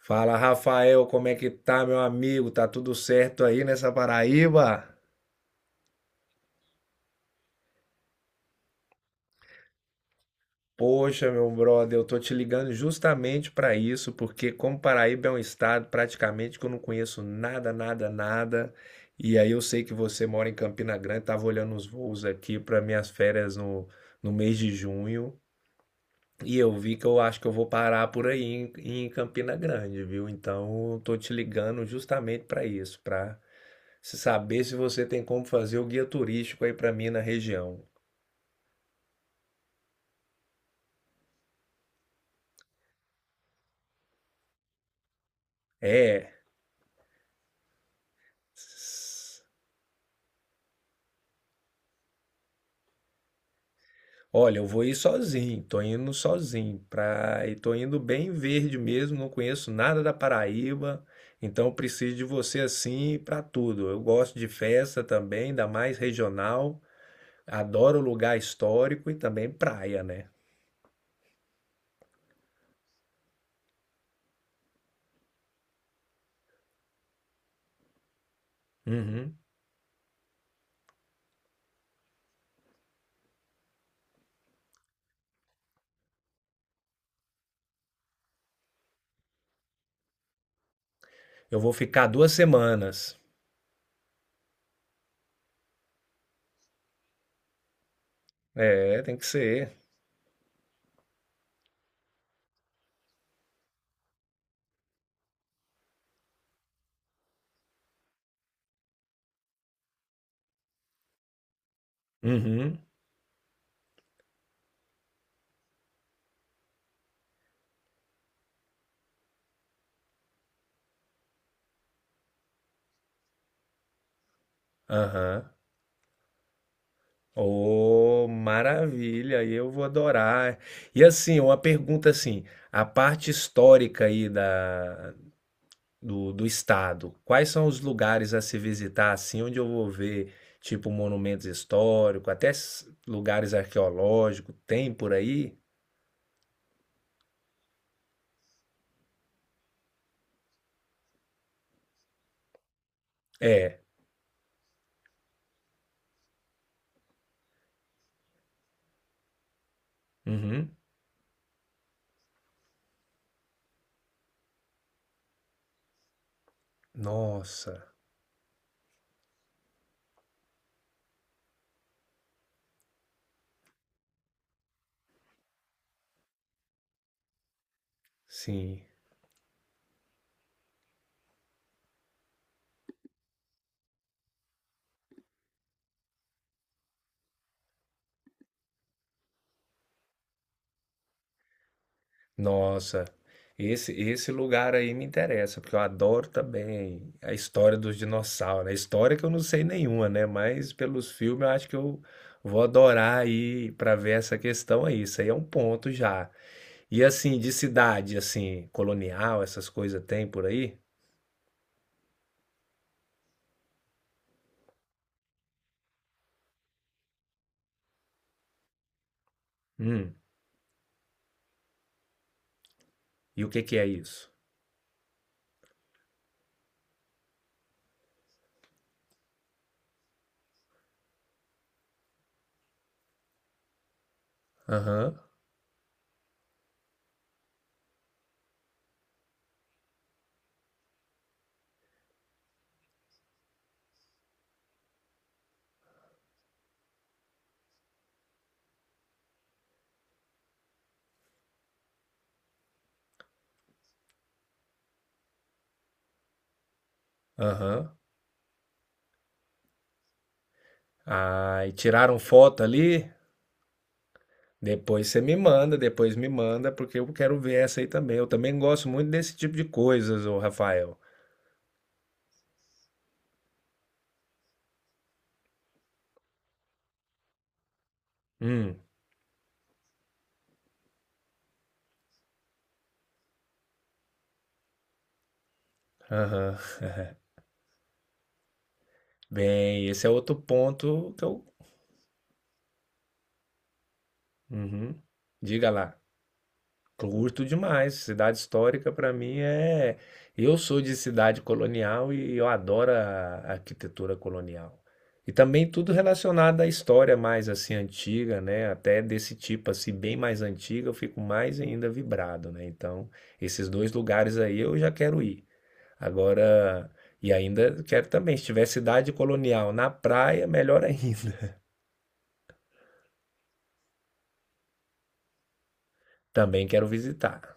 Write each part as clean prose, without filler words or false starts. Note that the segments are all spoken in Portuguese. Fala, Rafael, como é que tá, meu amigo? Tá tudo certo aí nessa Paraíba? Poxa, meu brother, eu tô te ligando justamente pra isso, porque como Paraíba é um estado praticamente que eu não conheço nada, nada, nada, e aí eu sei que você mora em Campina Grande, tava olhando os voos aqui para minhas férias no mês de junho, e eu vi que eu acho que eu vou parar por aí em Campina Grande, viu? Então, eu tô te ligando justamente pra isso, pra se saber se você tem como fazer o guia turístico aí para mim na região. É. Olha, eu vou ir sozinho, tô indo sozinho pra... e tô indo bem verde mesmo, não conheço nada da Paraíba, então eu preciso de você assim para tudo. Eu gosto de festa também, ainda mais regional, adoro lugar histórico e também praia, né? Uhum. Eu vou ficar duas semanas. É, tem que ser. Uhum. Aham. Oh, maravilha! Eu vou adorar. E assim, uma pergunta assim, a parte histórica aí da, do estado, quais são os lugares a se visitar assim, onde eu vou ver tipo monumentos históricos, até lugares arqueológicos, tem por aí? É. Uhum. Nossa, sim. Nossa, esse lugar aí me interessa, porque eu adoro também a história dos dinossauros, né? A história que eu não sei nenhuma, né? Mas pelos filmes eu acho que eu vou adorar aí para ver essa questão aí. Isso aí é um ponto já. E assim, de cidade, assim, colonial, essas coisas tem por aí? Hum, e o que que é isso? Aham, aham. Ah, e tiraram foto ali? Depois você me manda, depois me manda, porque eu quero ver essa aí também. Eu também gosto muito desse tipo de coisas, ô Rafael. Hum, aham. Bem, esse é outro ponto que eu. Uhum. Diga lá. Curto demais. Cidade histórica para mim é. Eu sou de cidade colonial e eu adoro a arquitetura colonial. E também tudo relacionado à história mais assim antiga, né? Até desse tipo assim bem mais antiga, eu fico mais ainda vibrado, né? Então, esses dois lugares aí eu já quero ir. Agora, e ainda quero também, se tiver cidade colonial na praia, melhor ainda. Também quero visitar.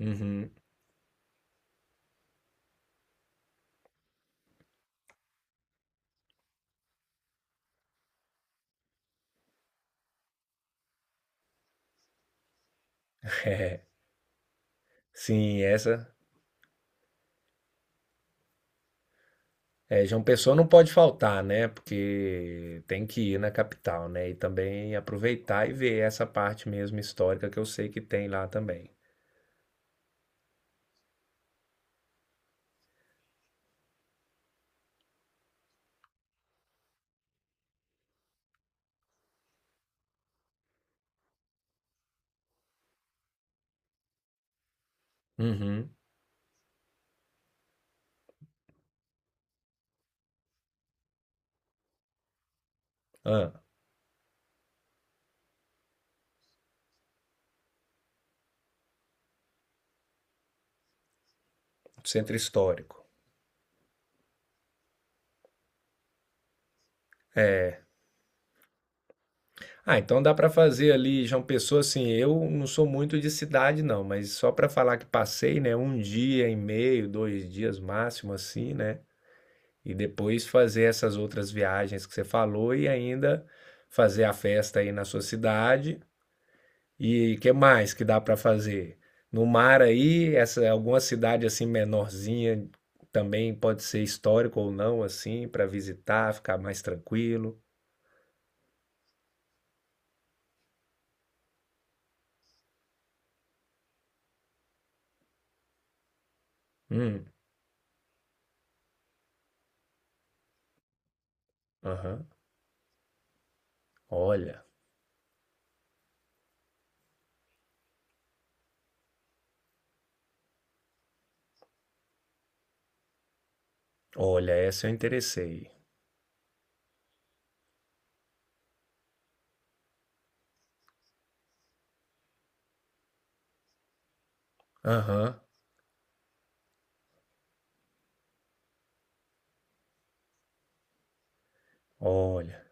Uhum. Sim, essa é, João Pessoa não pode faltar, né? Porque tem que ir na capital, né? E também aproveitar e ver essa parte mesmo histórica que eu sei que tem lá também. Uhum. Ah, centro histórico. É. Ah, então dá para fazer ali João Pessoa, assim, eu não sou muito de cidade não, mas só para falar que passei, né, um dia e meio, dois dias máximo assim, né? E depois fazer essas outras viagens que você falou e ainda fazer a festa aí na sua cidade. E que mais que dá para fazer? No mar aí, essa alguma cidade assim menorzinha também pode ser histórico ou não assim para visitar, ficar mais tranquilo. Hum, aham. Olha, olha, essa eu interessei. Aham. Olha,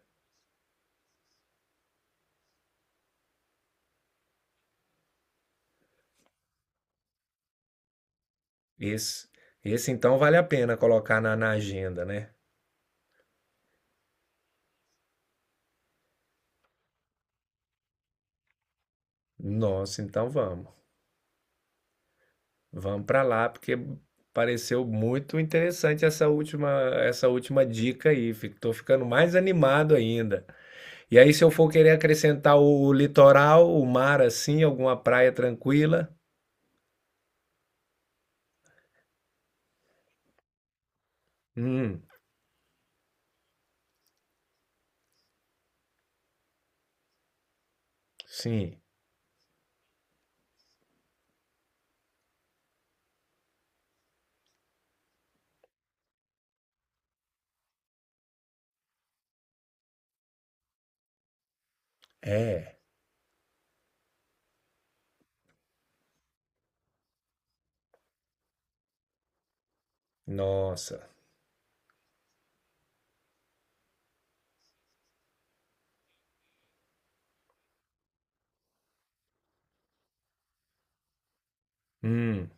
esse esse então vale a pena colocar na, na agenda, né? Nossa, então vamos. Vamos para lá porque pareceu muito interessante essa última dica aí. Estou ficando mais animado ainda. E aí, se eu for querer acrescentar o litoral, o mar assim, alguma praia tranquila, hum, sim, é, nossa, hum,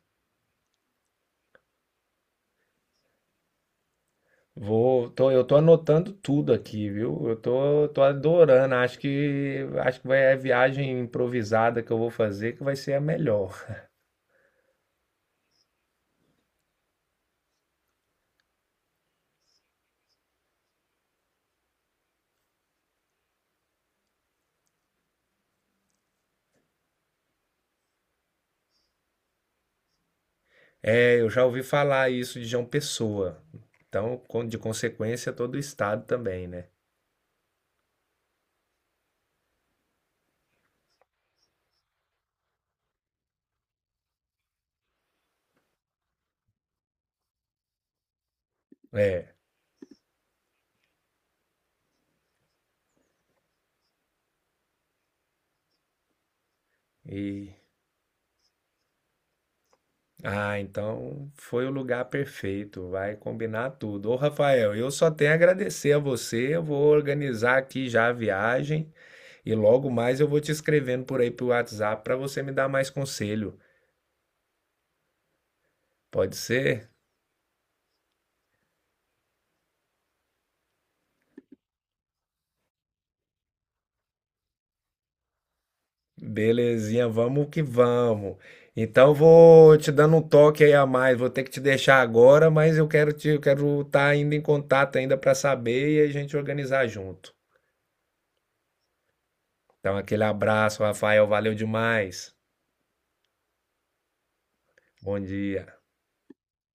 vou, tô, eu tô anotando tudo aqui, viu? Eu tô, tô adorando, acho que vai é a viagem improvisada que eu vou fazer que vai ser a melhor. É, eu já ouvi falar isso de João Pessoa, então, de consequência, todo o estado também, né? É, e ah, então foi o lugar perfeito, vai combinar tudo. Ô, Rafael, eu só tenho a agradecer a você. Eu vou organizar aqui já a viagem e logo mais eu vou te escrevendo por aí pro WhatsApp para você me dar mais conselho. Pode ser? Belezinha, vamos que vamos. Então vou te dando um toque aí a mais. Vou ter que te deixar agora, mas eu quero te, eu quero estar ainda em contato ainda para saber e a gente organizar junto. Então aquele abraço, Rafael, valeu demais. Bom dia.